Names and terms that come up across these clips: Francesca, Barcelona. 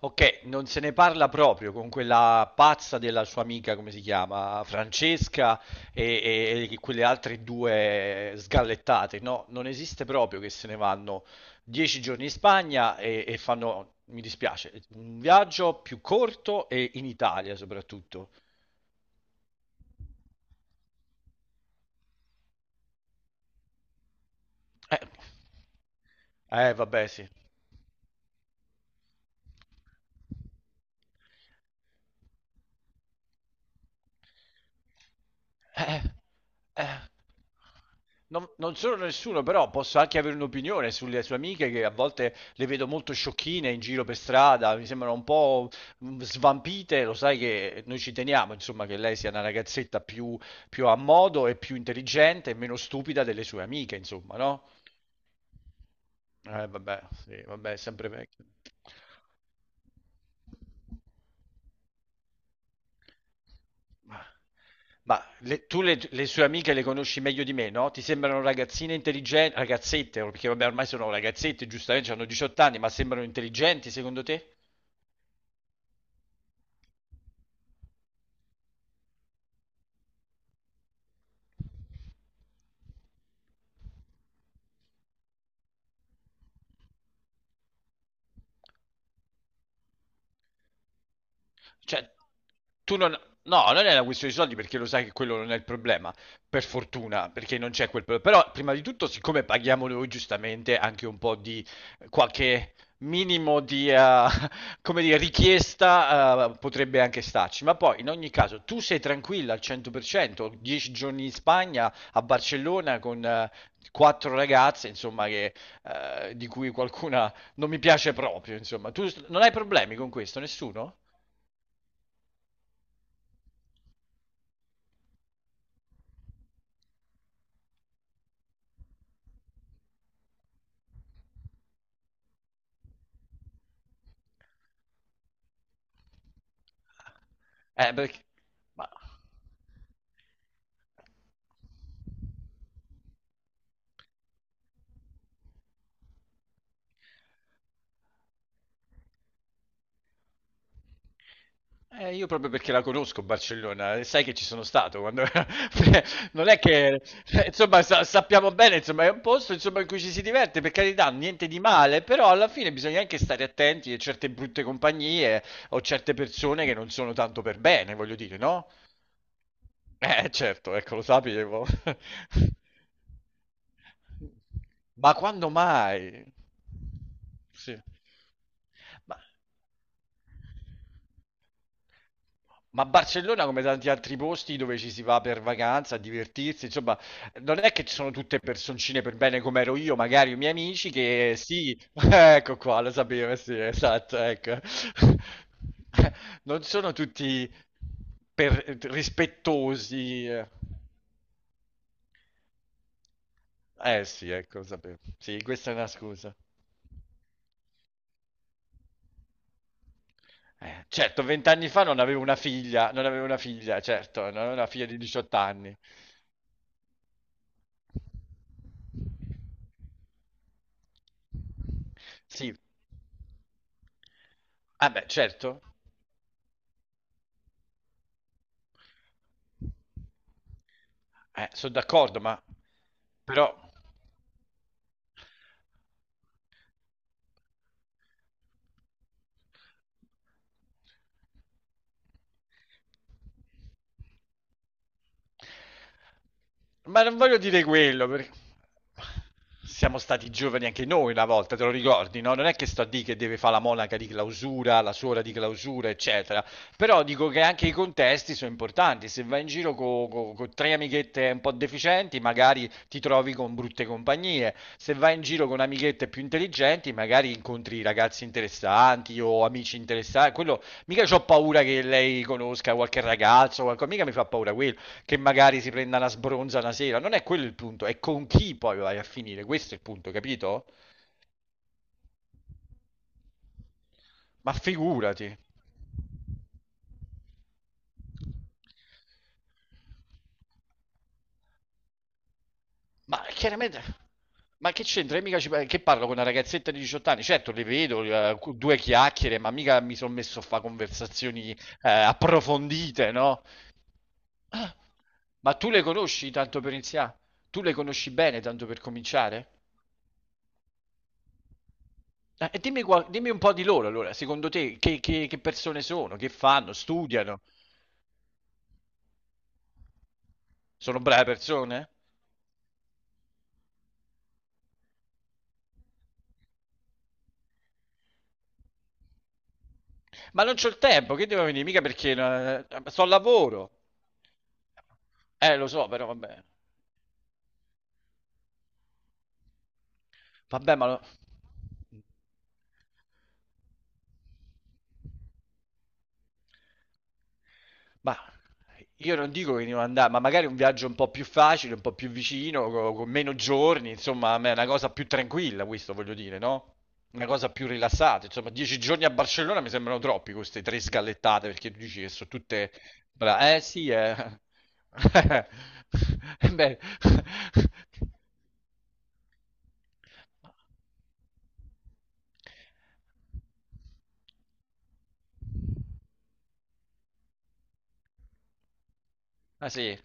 Ok, non se ne parla proprio con quella pazza della sua amica, come si chiama, Francesca e quelle altre due sgallettate. No, non esiste proprio che se ne vanno 10 giorni in Spagna e fanno, mi dispiace, un viaggio più corto e in Italia soprattutto. Eh, eh, vabbè, sì. Eh, eh, non sono nessuno, però posso anche avere un'opinione sulle sue amiche che a volte le vedo molto sciocchine in giro per strada, mi sembrano un po' svampite, lo sai che noi ci teniamo, insomma, che lei sia una ragazzetta più, più a modo e più intelligente e meno stupida delle sue amiche, insomma, no? Vabbè, sì, vabbè, è sempre vecchio. Ma ma tu le sue amiche le conosci meglio di me, no? Ti sembrano ragazzine intelligenti, ragazzette, perché vabbè ormai sono ragazzette, giustamente hanno 18 anni, ma sembrano intelligenti secondo te? Cioè, tu non. No, non è una questione di soldi perché lo sai che quello non è il problema, per fortuna, perché non c'è quel problema. Però, prima di tutto, siccome paghiamo noi giustamente anche un po' di qualche minimo di, come dire, richiesta, potrebbe anche starci. Ma poi, in ogni caso, tu sei tranquilla al 100%, 10 giorni in Spagna, a Barcellona, con quattro ragazze, insomma, che, di cui qualcuna non mi piace proprio, insomma. Tu non hai problemi con questo, nessuno? Eh, perché... ma- io proprio perché la conosco Barcellona, e sai che ci sono stato quando. non è che... Insomma, sappiamo bene, insomma, è un posto, insomma, in cui ci si diverte, per carità, niente di male, però alla fine bisogna anche stare attenti a certe brutte compagnie o certe persone che non sono tanto per bene, voglio dire, no? Certo, ecco, lo sapevo. Ma quando mai? Sì. Ma, ma Barcellona, come tanti altri posti dove ci si va per vacanza, a divertirsi, insomma, non è che ci sono tutte personcine per bene come ero io, magari i miei amici, che sì, ecco qua, lo sapevo, sì, esatto, ecco. Non sono tutti rispettosi. Eh. Eh sì, ecco, sapevo. Sì, questa è una scusa. Certo, vent'anni fa non avevo una figlia, non avevo una figlia, certo, non avevo una figlia di 18 anni. Sì, ah beh, certo, sono d'accordo, ma però. Ma non voglio dire quello, perché siamo stati giovani anche noi una volta, te lo ricordi, no? Non è che sto a dire che deve fare la monaca di clausura, la suora di clausura, eccetera. Però dico che anche i contesti sono importanti. Se vai in giro con tre amichette un po' deficienti, magari ti trovi con brutte compagnie. Se vai in giro con amichette più intelligenti, magari incontri ragazzi interessanti o amici interessanti. Quello, mica ho paura che lei conosca qualche ragazzo, qualcosa, mica mi fa paura quello che magari si prenda una sbronza una sera. Non è quello il punto, è con chi poi vai a finire. Questo è il punto, capito? Ma figurati. Ma chiaramente, ma che c'entra? Io mica che parlo con una ragazzetta di 18 anni? Certo, le vedo, due chiacchiere, ma mica mi sono messo a fare conversazioni approfondite, no? Ah, ma tu le conosci tanto per iniziare? Tu le conosci bene tanto per cominciare? E dimmi, dimmi un po' di loro allora, secondo te che, che persone sono, che fanno, studiano, sono brave persone? Ma non c'ho il tempo, che devo venire? Mica perché sto al lavoro. Lo so, però vabbè. Vabbè, ma lo. Ma io non dico che devo andare, ma magari un viaggio un po' più facile, un po' più vicino, con meno giorni, insomma, a me è una cosa più tranquilla, questo voglio dire, no? Una cosa più rilassata. Insomma, 10 giorni a Barcellona mi sembrano troppi queste tre sgallettate, perché tu dici che sono tutte. Eh sì, Eh beh. Ah sì.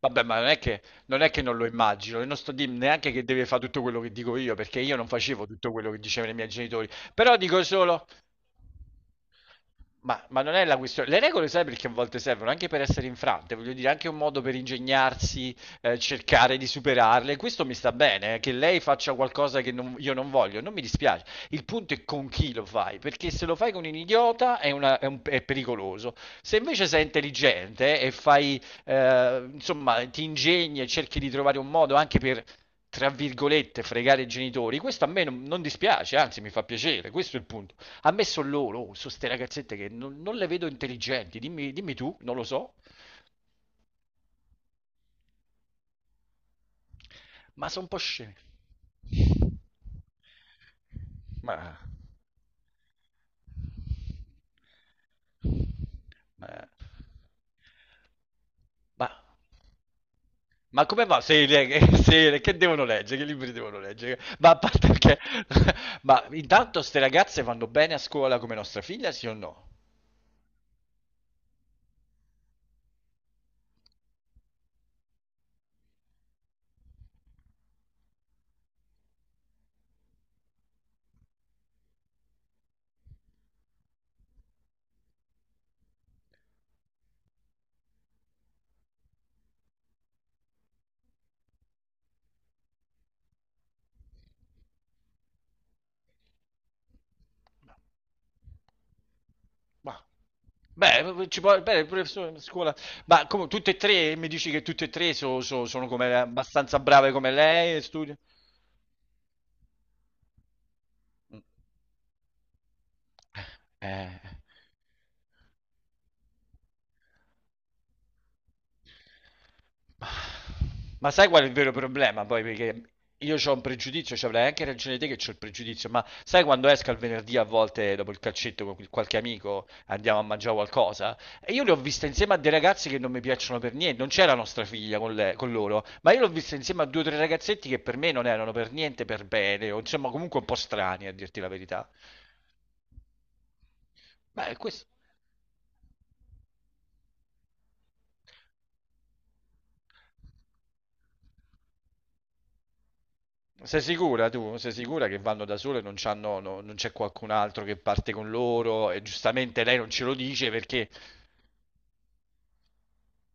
Vabbè, ma non è che non lo immagino, e non sto dicendo neanche che deve fare tutto quello che dico io, perché io non facevo tutto quello che dicevano i miei genitori. Però dico solo, ma non è la questione. Le regole sai perché a volte servono anche per essere infrante, voglio dire, anche un modo per ingegnarsi, cercare di superarle. Questo mi sta bene, che lei faccia qualcosa che io non voglio, non mi dispiace. Il punto è con chi lo fai, perché se lo fai con un idiota è, una- è un- è pericoloso. Se invece sei intelligente e fai, insomma, ti ingegni e cerchi di trovare un modo anche per, tra virgolette, fregare i genitori, questo a me non dispiace, anzi mi fa piacere, questo è il punto. A me sono loro, sono ste ragazzette che non le vedo intelligenti, dimmi, dimmi tu, non lo so, ma sono un po' sceme. Ma... Eh, Ma, ma come va? Se, le- che devono leggere? Che libri devono leggere? Ma a parte che. Ma intanto ste ragazze vanno bene a scuola come nostra figlia, sì o no? Ma, beh, ci può. Bene, pure a scuola. Ma come, tutte e tre, mi dici che tutte e tre sono come, abbastanza brave come lei e studiano? Mm. Eh... Ma sai qual è il vero problema? Poi, perché io ho un pregiudizio, cioè avrai anche ragione te che ho il pregiudizio, ma sai quando esco il venerdì a volte dopo il calcetto con qualche amico andiamo a mangiare qualcosa? E io le ho viste insieme a dei ragazzi che non mi piacciono per niente, non c'era nostra figlia con loro, ma io l'ho vista insieme a due o tre ragazzetti che per me non erano per niente per bene, o insomma comunque un po' strani a dirti la verità. Ma è questo. Sei sicura tu? Sei sicura che vanno da sole, non c'hanno, non c'è qualcun altro che parte con loro e giustamente lei non ce lo dice perché.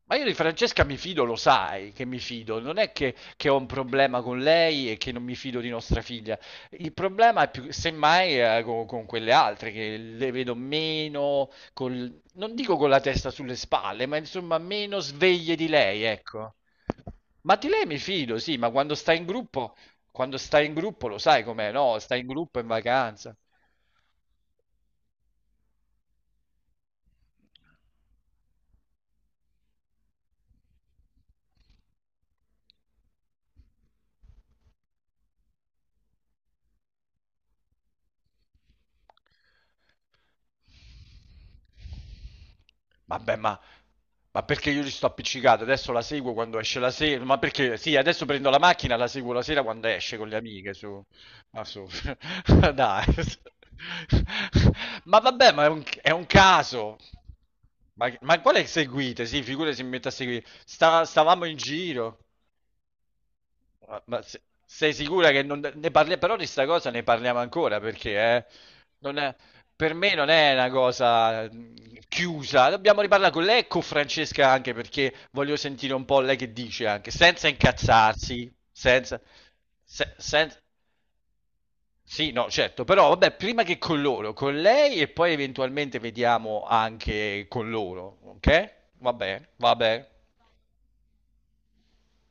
Ma io di Francesca mi fido, lo sai che mi fido, non è che ho un problema con lei e che non mi fido di nostra figlia. Il problema è più, semmai, con quelle altre che le vedo meno, non dico con la testa sulle spalle, ma insomma meno sveglie di lei, ecco. Ma di lei mi fido, sì, ma quando sta in gruppo, quando sta in gruppo lo sai com'è, no? Sta in gruppo in vacanza. Vabbè, ma perché io ci sto appiccicato? Adesso la seguo quando esce la sera. Ma perché? Sì, adesso prendo la macchina, la seguo la sera quando esce con le amiche. Su. Ma su. Dai. Ma vabbè, ma è un caso. Ma quale seguite? Sì, figure si mette a seguire. Stavamo in giro. Ma sei sicura che non ne parliamo? Però di sta cosa ne parliamo ancora perché non è- per me non è una cosa chiusa. Dobbiamo riparlare con lei e con Francesca anche perché voglio sentire un po' lei che dice anche, senza incazzarsi, senza. se- sen- sì, no, certo, però vabbè, prima che con loro, con lei e poi eventualmente vediamo anche con loro, ok? Vabbè, vabbè.